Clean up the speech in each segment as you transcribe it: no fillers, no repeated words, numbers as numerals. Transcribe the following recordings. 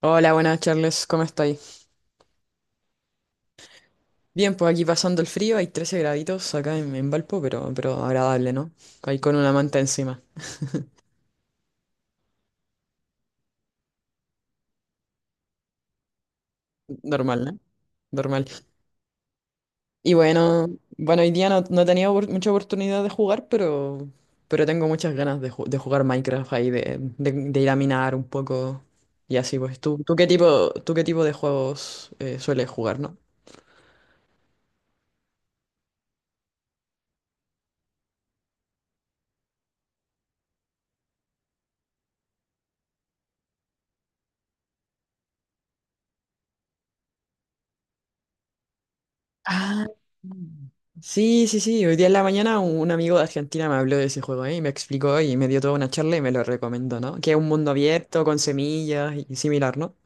Hola, buenas Charles, ¿cómo estáis? Bien, pues aquí pasando el frío, hay 13 graditos acá en Valpo, pero agradable, ¿no? Ahí con una manta encima. Normal, ¿no? Normal. Y bueno, bueno, hoy día no he tenido mucha oportunidad de jugar, pero tengo muchas ganas de, de jugar Minecraft ahí, de ir a minar un poco y así, pues. ¿Tú, tú qué tipo de juegos sueles jugar, ¿no? Ah, sí. Hoy día en la mañana un amigo de Argentina me habló de ese juego, ¿eh? Y me explicó y me dio toda una charla y me lo recomendó, ¿no? Que es un mundo abierto con semillas y similar, ¿no?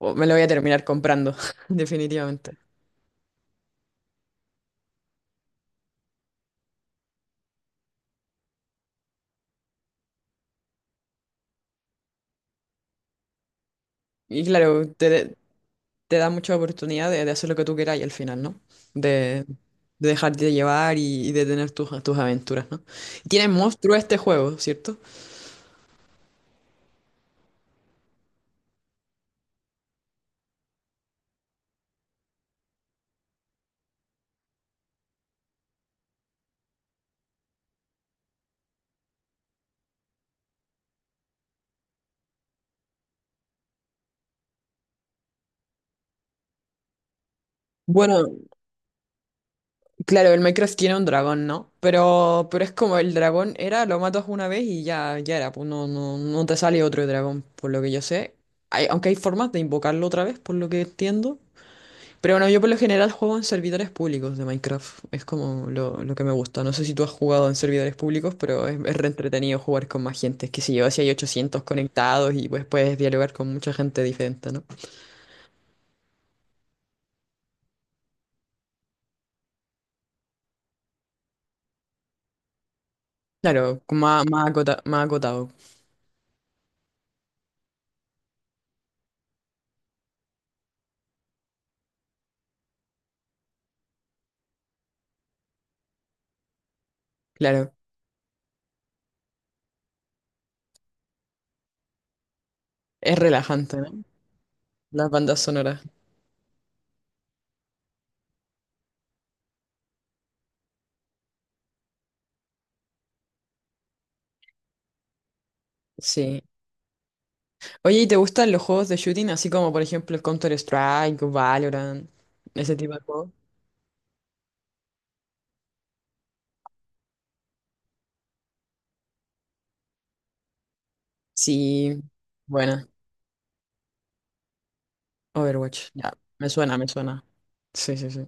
O me lo voy a terminar comprando, definitivamente. Y claro, te da mucha oportunidad de hacer lo que tú queráis al final, ¿no? De, de dejarte llevar y de tener tus, tus aventuras, ¿no? Y tiene monstruo este juego, ¿cierto? Bueno, claro, el Minecraft tiene un dragón, ¿no? Pero es como el dragón era, lo matas una vez y ya, ya era, pues no te sale otro dragón, por lo que yo sé. Hay, aunque hay formas de invocarlo otra vez, por lo que entiendo. Pero bueno, yo por lo general juego en servidores públicos de Minecraft. Es como lo que me gusta. No sé si tú has jugado en servidores públicos, pero es re entretenido jugar con más gente. Es que si yo, si hay 800 conectados y pues puedes dialogar con mucha gente diferente, ¿no? Claro, con más, más acotado. Claro, es relajante, ¿no? Las bandas sonoras. Sí. Oye, ¿y te gustan los juegos de shooting? Así como, por ejemplo, el Counter-Strike, o Valorant, ese tipo de juegos. Sí, buena. Overwatch. Ya, me suena, me suena. Sí, sí, sí.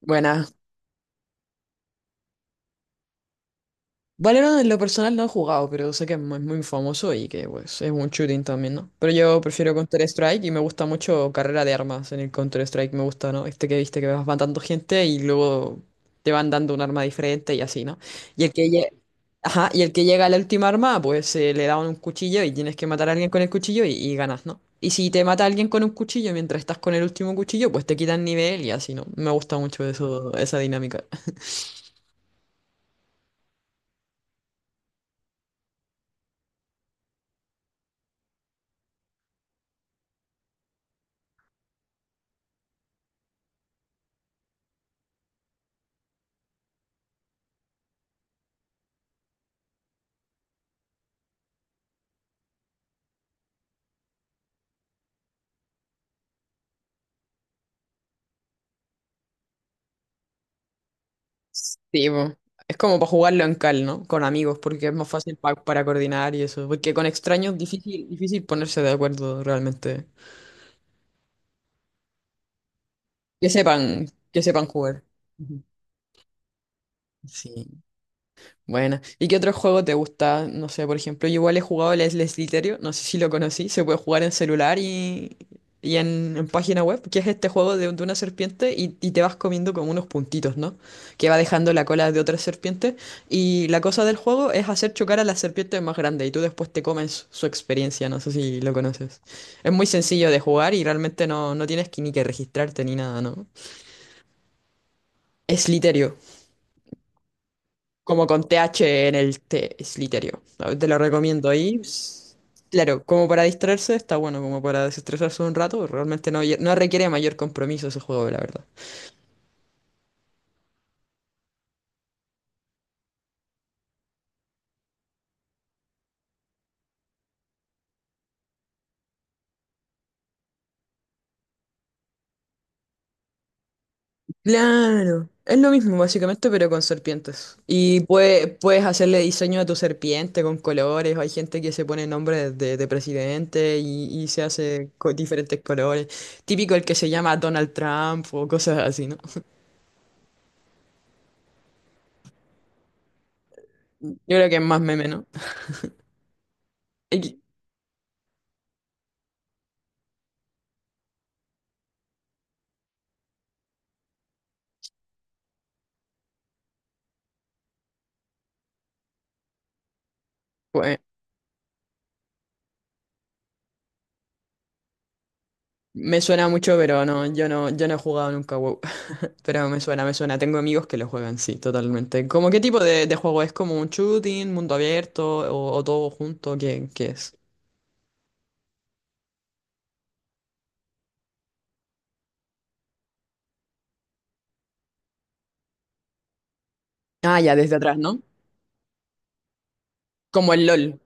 Buena. Valorant en lo personal no he jugado, pero sé que es muy, muy famoso y que pues, es un shooting también, ¿no? Pero yo prefiero Counter-Strike y me gusta mucho carrera de armas en el Counter-Strike, me gusta, ¿no? Este que viste que vas matando gente y luego te van dando un arma diferente y así, ¿no? Y el ajá, y el que llega a la última arma, pues se le da un cuchillo y tienes que matar a alguien con el cuchillo y ganas, ¿no? Y si te mata alguien con un cuchillo mientras estás con el último cuchillo, pues te quitan nivel y así, ¿no? Me gusta mucho eso, esa dinámica. Sí, po. Es como para jugarlo en cal, ¿no? Con amigos, porque es más fácil para coordinar y eso. Porque con extraños difícil, difícil ponerse de acuerdo realmente. Que sepan, que sepan jugar. Ujú. Sí. Bueno, ¿y qué otro juego te gusta? No sé, por ejemplo, yo igual he jugado el Slithereo, no sé si lo conocí, se puede jugar en celular y en página web, que es este juego de una serpiente y te vas comiendo como unos puntitos, ¿no? Que va dejando la cola de otra serpiente y la cosa del juego es hacer chocar a la serpiente más grande y tú después te comes su experiencia, no sé si lo conoces. Es muy sencillo de jugar y realmente no tienes que ni que registrarte ni nada, ¿no? Slithereo. Como con TH en el T, Slytherio. Te lo recomiendo ahí. Claro, como para distraerse está bueno, como para desestresarse un rato, realmente no requiere mayor compromiso ese juego, la verdad. Claro, es lo mismo básicamente, pero con serpientes. Y puedes hacerle diseño a tu serpiente con colores, hay gente que se pone nombres de presidente y se hace con diferentes colores. Típico el que se llama Donald Trump o cosas así, ¿no? Yo creo que es más meme, ¿no? Y- Me suena mucho, pero no, yo no he jugado nunca WoW. Pero me suena, me suena. Tengo amigos que lo juegan, sí, totalmente. ¿Cómo qué tipo de juego es? ¿Como un shooting, mundo abierto o todo junto? ¿Qué, qué es? Ah, ya, desde atrás, ¿no? Como el LOL.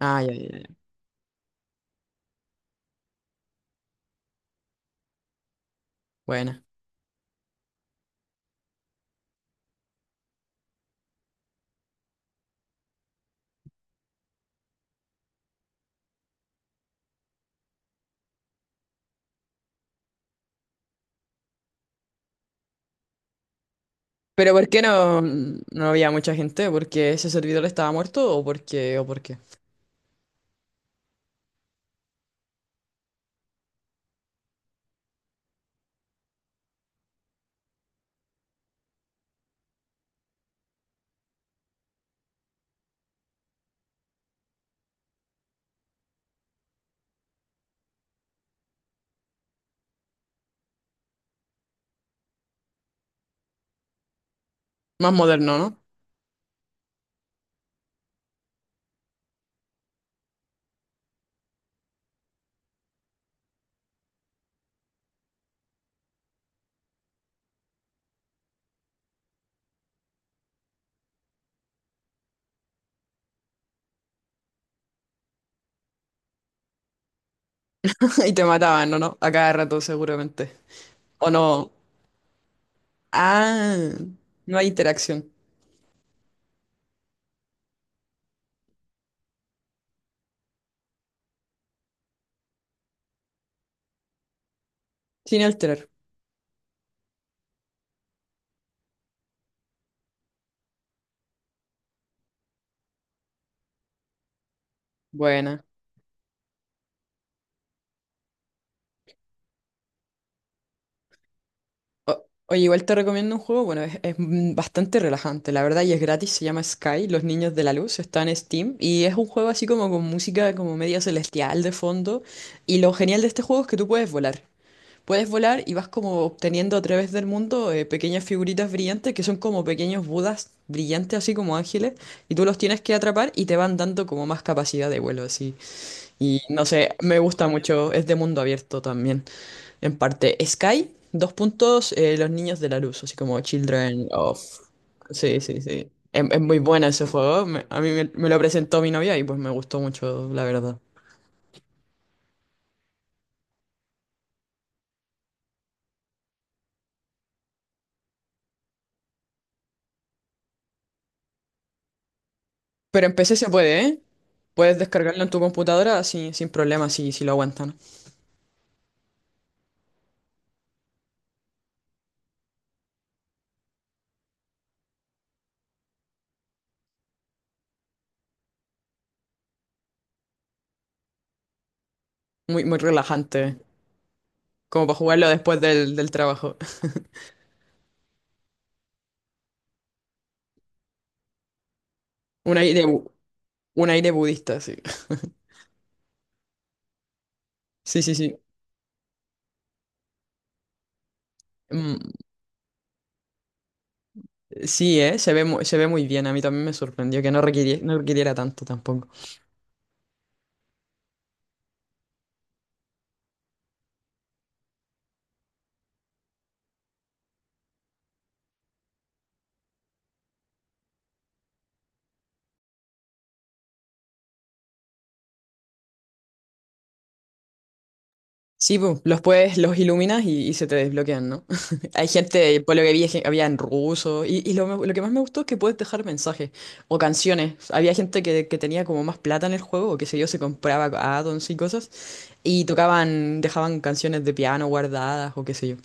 Ah, ya. Buena. ¿Pero por qué no había mucha gente? ¿Porque ese servidor estaba muerto o por qué? ¿O por qué? Más moderno, ¿no? Y te mataban, ¿no? ¿No? A cada rato seguramente. ¿O no? Ah, no hay interacción. Sin alterar. Buena. O- Oye, igual te recomiendo un juego, bueno, es bastante relajante, la verdad, y es gratis, se llama Sky, Los Niños de la Luz, está en Steam, y es un juego así como con música como media celestial de fondo, y lo genial de este juego es que tú puedes volar y vas como obteniendo a través del mundo pequeñas figuritas brillantes que son como pequeños budas brillantes, así como ángeles, y tú los tienes que atrapar y te van dando como más capacidad de vuelo, así, y no sé, me gusta mucho, es de mundo abierto también. En parte, Sky, dos puntos, Los Niños de la Luz, así como Children of... Sí, sí, sí. Es muy buena ese juego. A me lo presentó mi novia y pues me gustó mucho, la verdad. Pero en PC se puede, ¿eh? Puedes descargarlo en tu computadora sin, sin problema si, si lo aguantan. Muy, muy relajante, como para jugarlo después del, del trabajo. Un aire, un aire budista, sí. Sí, sí, sí. Mm, sí, ¿eh? Se ve, se ve muy bien. A mí también me sorprendió que no requiriera, no requiriera tanto tampoco. Sí, pu, los puedes, los iluminas y se te desbloquean, ¿no? Hay gente, por lo que vi, es que había en ruso. Y lo, lo que más me gustó es que puedes dejar mensajes o canciones. Había gente que tenía como más plata en el juego, o qué sé yo, se compraba addons y cosas. Y tocaban, dejaban canciones de piano guardadas o qué sé yo.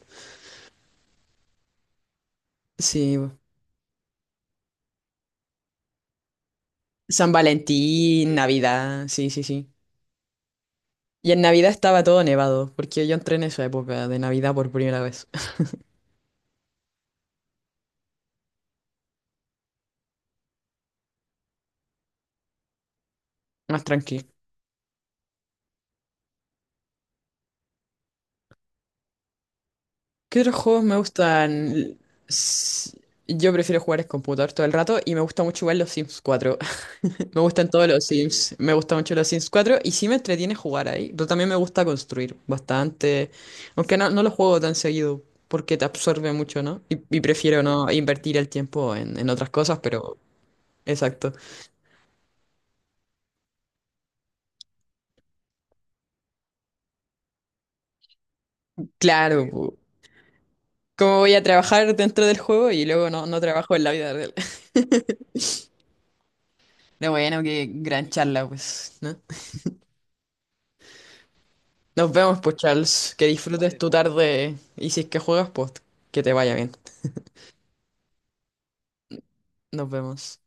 Sí, pu. San Valentín, Navidad, sí, sí, sí. Y en Navidad estaba todo nevado, porque yo entré en esa época de Navidad por primera vez. Más tranquilo. ¿Qué otros juegos me gustan? S- Yo prefiero jugar en computador todo el rato y me gusta mucho jugar los Sims 4. Me gustan todos los Sims. Me gustan mucho los Sims 4 y sí me entretiene jugar ahí. Pero también me gusta construir bastante. Aunque no lo juego tan seguido porque te absorbe mucho, ¿no? Y prefiero no invertir el tiempo en otras cosas, pero exacto. Claro, pu, ¿cómo voy a trabajar dentro del juego y luego no trabajo en la vida real? Pero bueno, qué gran charla, pues, ¿no? Nos vemos, pues, Charles. Que disfrutes Vale, tu tarde y si es que juegas, pues, que te vaya bien. Nos vemos.